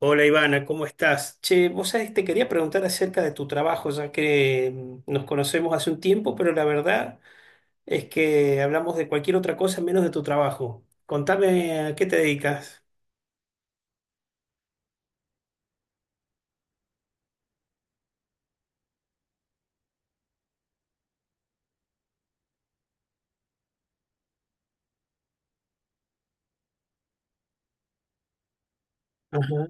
Hola Ivana, ¿cómo estás? Che, vos sabés, te quería preguntar acerca de tu trabajo, ya que nos conocemos hace un tiempo, pero la verdad es que hablamos de cualquier otra cosa menos de tu trabajo. Contame a qué te dedicas. Ajá.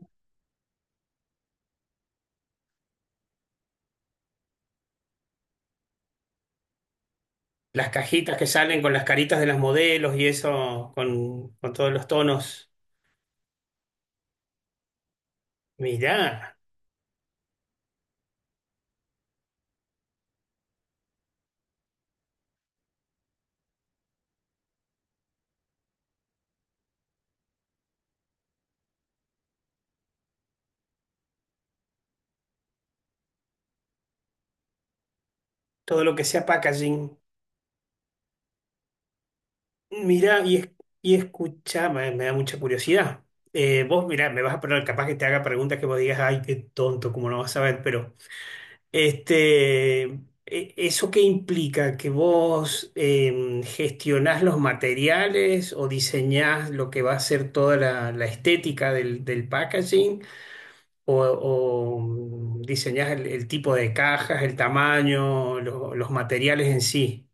Las cajitas que salen con las caritas de las modelos y eso, con todos los tonos. Mirá, todo lo que sea packaging. Mirá, y escuchá, me da mucha curiosidad. Vos, mirá, me vas a poner, capaz que te haga preguntas que vos digas, ay, qué tonto, cómo no vas a ver, pero... Este, e- ¿Eso qué implica? ¿Que vos gestionás los materiales o diseñás lo que va a ser toda la estética del packaging? ¿ Diseñás el tipo de cajas, el tamaño, los materiales en sí?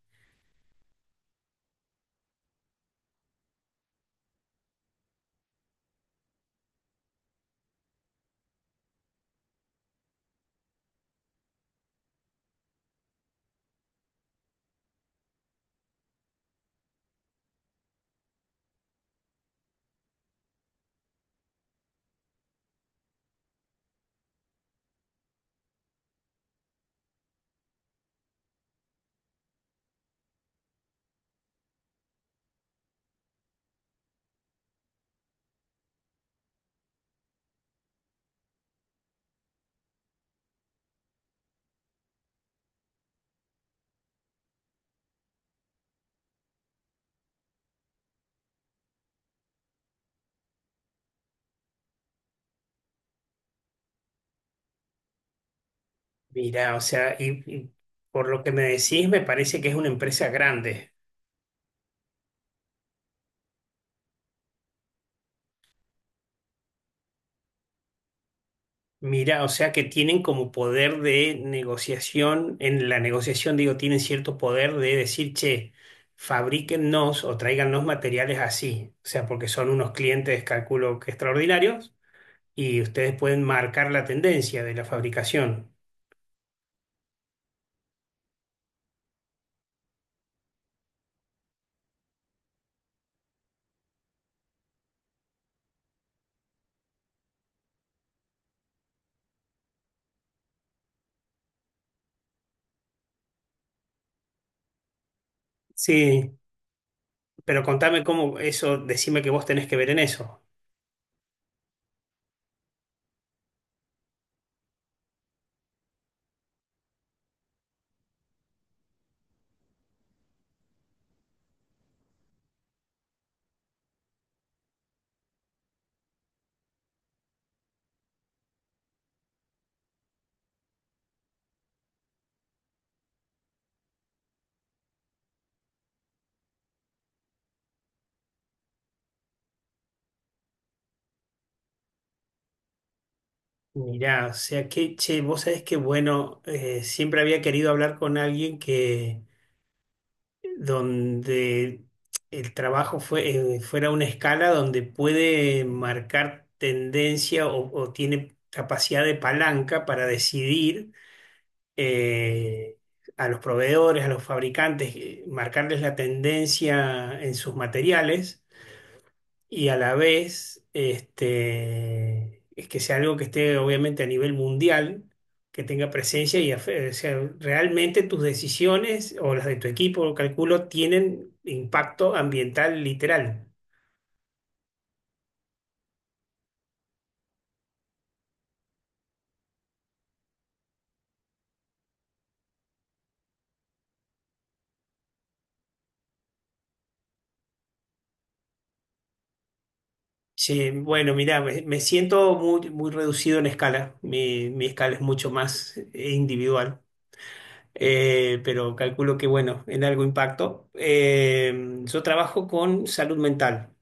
Mira, o sea, y por lo que me decís, me parece que es una empresa grande. Mira, o sea que tienen como poder de negociación, en la negociación digo, tienen cierto poder de decir, che, fabríquennos o tráigannos materiales así, o sea, porque son unos clientes, calculo que extraordinarios, y ustedes pueden marcar la tendencia de la fabricación. Sí, pero contame cómo eso, decime que vos tenés que ver en eso. Mirá, o sea que, che, vos sabés que, bueno, siempre había querido hablar con alguien que donde el trabajo fuera una escala donde puede marcar tendencia o tiene capacidad de palanca para decidir eh, a los proveedores, a los fabricantes, marcarles la tendencia en sus materiales y a la vez este, es que sea algo que esté obviamente a nivel mundial, que tenga o sea, realmente tus decisiones o las de tu equipo, calculo, tienen impacto ambiental literal. Sí, bueno, mira, me siento muy reducido en escala, mi escala es mucho más individual. Pero calculo que, bueno, en algo impacto. Yo trabajo con salud mental,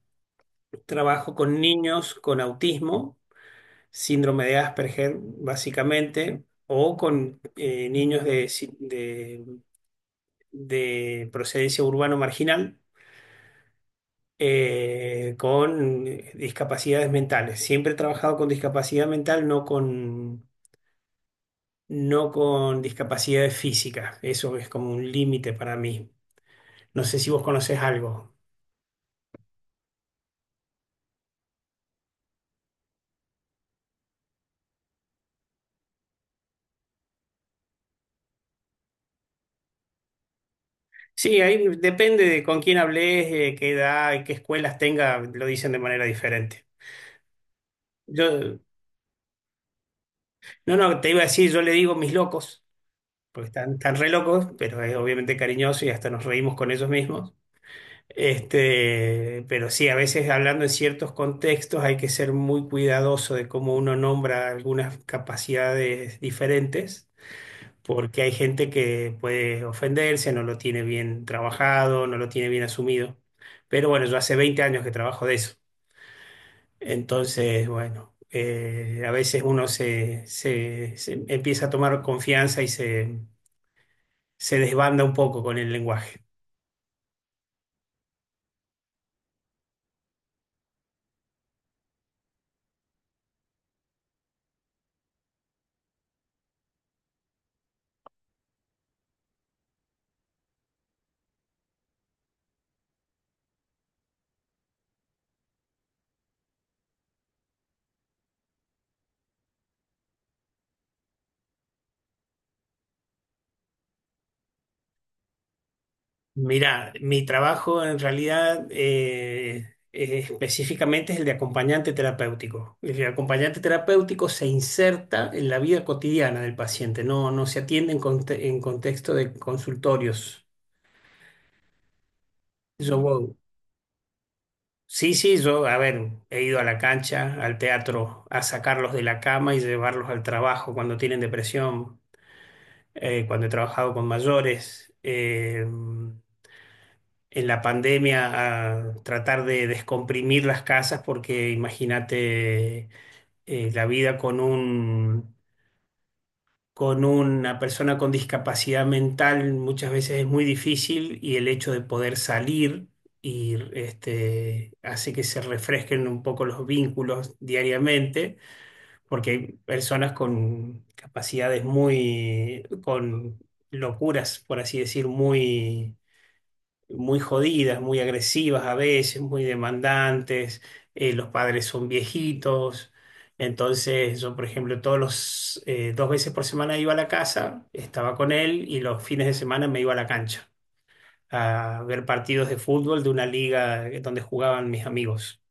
trabajo con niños con autismo síndrome de Asperger, básicamente, o con niños de, de procedencia urbano marginal con discapacidades mentales. Siempre he trabajado con discapacidad mental, no con discapacidades físicas. Eso es como un límite para mí. No sé si vos conocés algo. Sí, ahí depende de con quién hables, qué edad, y qué escuelas tenga, lo dicen de manera diferente. Yo, no, no, te iba a decir, yo le digo mis locos, porque están, están re locos, pero es obviamente cariñoso y hasta nos reímos con ellos mismos. Este, pero sí, a veces hablando en ciertos contextos hay que ser muy cuidadoso de cómo uno nombra algunas capacidades diferentes, porque hay gente que puede ofenderse, no lo tiene bien trabajado, no lo tiene bien asumido. Pero bueno, yo hace 20 años que trabajo de eso. Entonces, bueno, a veces uno se empieza a tomar confianza y se desbanda un poco con el lenguaje. Mira, mi trabajo en realidad específicamente es el de acompañante terapéutico. El acompañante terapéutico se inserta en la vida cotidiana del paciente, no se atiende en contexto de consultorios. Yo voy- Sí, sí, yo, a ver, he ido a la cancha, al teatro, a sacarlos de la cama y llevarlos al trabajo cuando tienen depresión, cuando he trabajado con mayores. En la pandemia a tratar de descomprimir las casas porque imagínate la vida con un, con una persona con discapacidad mental muchas veces es muy difícil y el hecho de poder salir y este, hace que se refresquen un poco los vínculos diariamente, porque hay personas con capacidades muy, con locuras, por así decir, muy jodidas, muy agresivas a veces, muy demandantes, los padres son viejitos. Entonces yo, por ejemplo, todos los dos veces por semana iba a la casa, estaba con él y los fines de semana me iba a la cancha a ver partidos de fútbol de una liga donde jugaban mis amigos.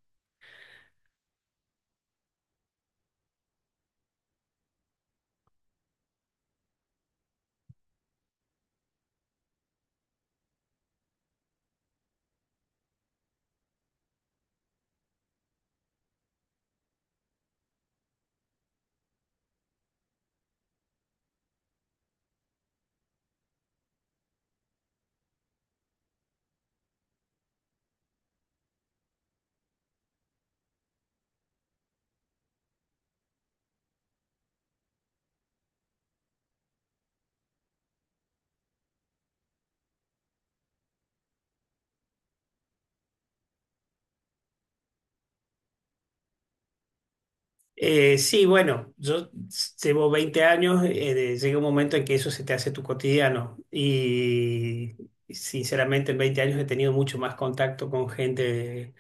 Sí, bueno, yo llevo 20 años, llega un momento en que eso se te hace tu cotidiano y sinceramente en 20 años he tenido mucho más contacto con gente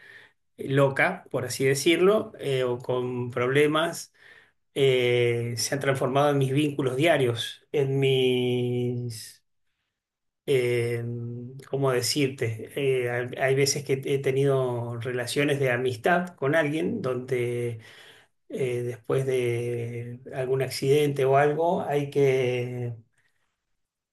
loca, por así decirlo, o con problemas, se han transformado en mis vínculos diarios, en eh, ¿cómo decirte? Hay veces que he tenido relaciones de amistad con alguien donde después de algún accidente o algo hay que...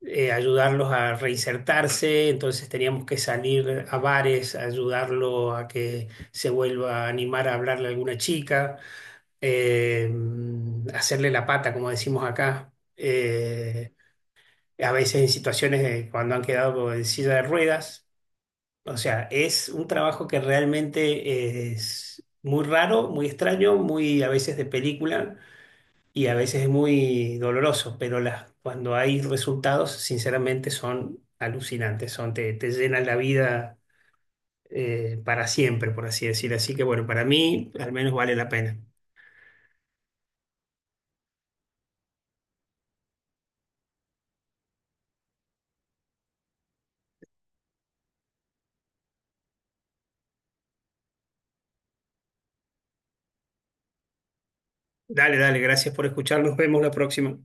ayudarlos a reinsertarse, entonces teníamos que salir a bares, a ayudarlo a que se vuelva a animar a hablarle a alguna chica, eh, hacerle la pata, como decimos acá, a veces en situaciones de cuando han quedado en silla de ruedas. O sea, es un trabajo que realmente es muy raro, muy extraño, muy a veces de película y a veces es muy doloroso, pero cuando hay resultados, sinceramente son alucinantes, te llenan la vida para siempre, por así decir. Así que bueno, para mí al menos vale la pena. Dale, dale, gracias por escuchar. Nos vemos la próxima.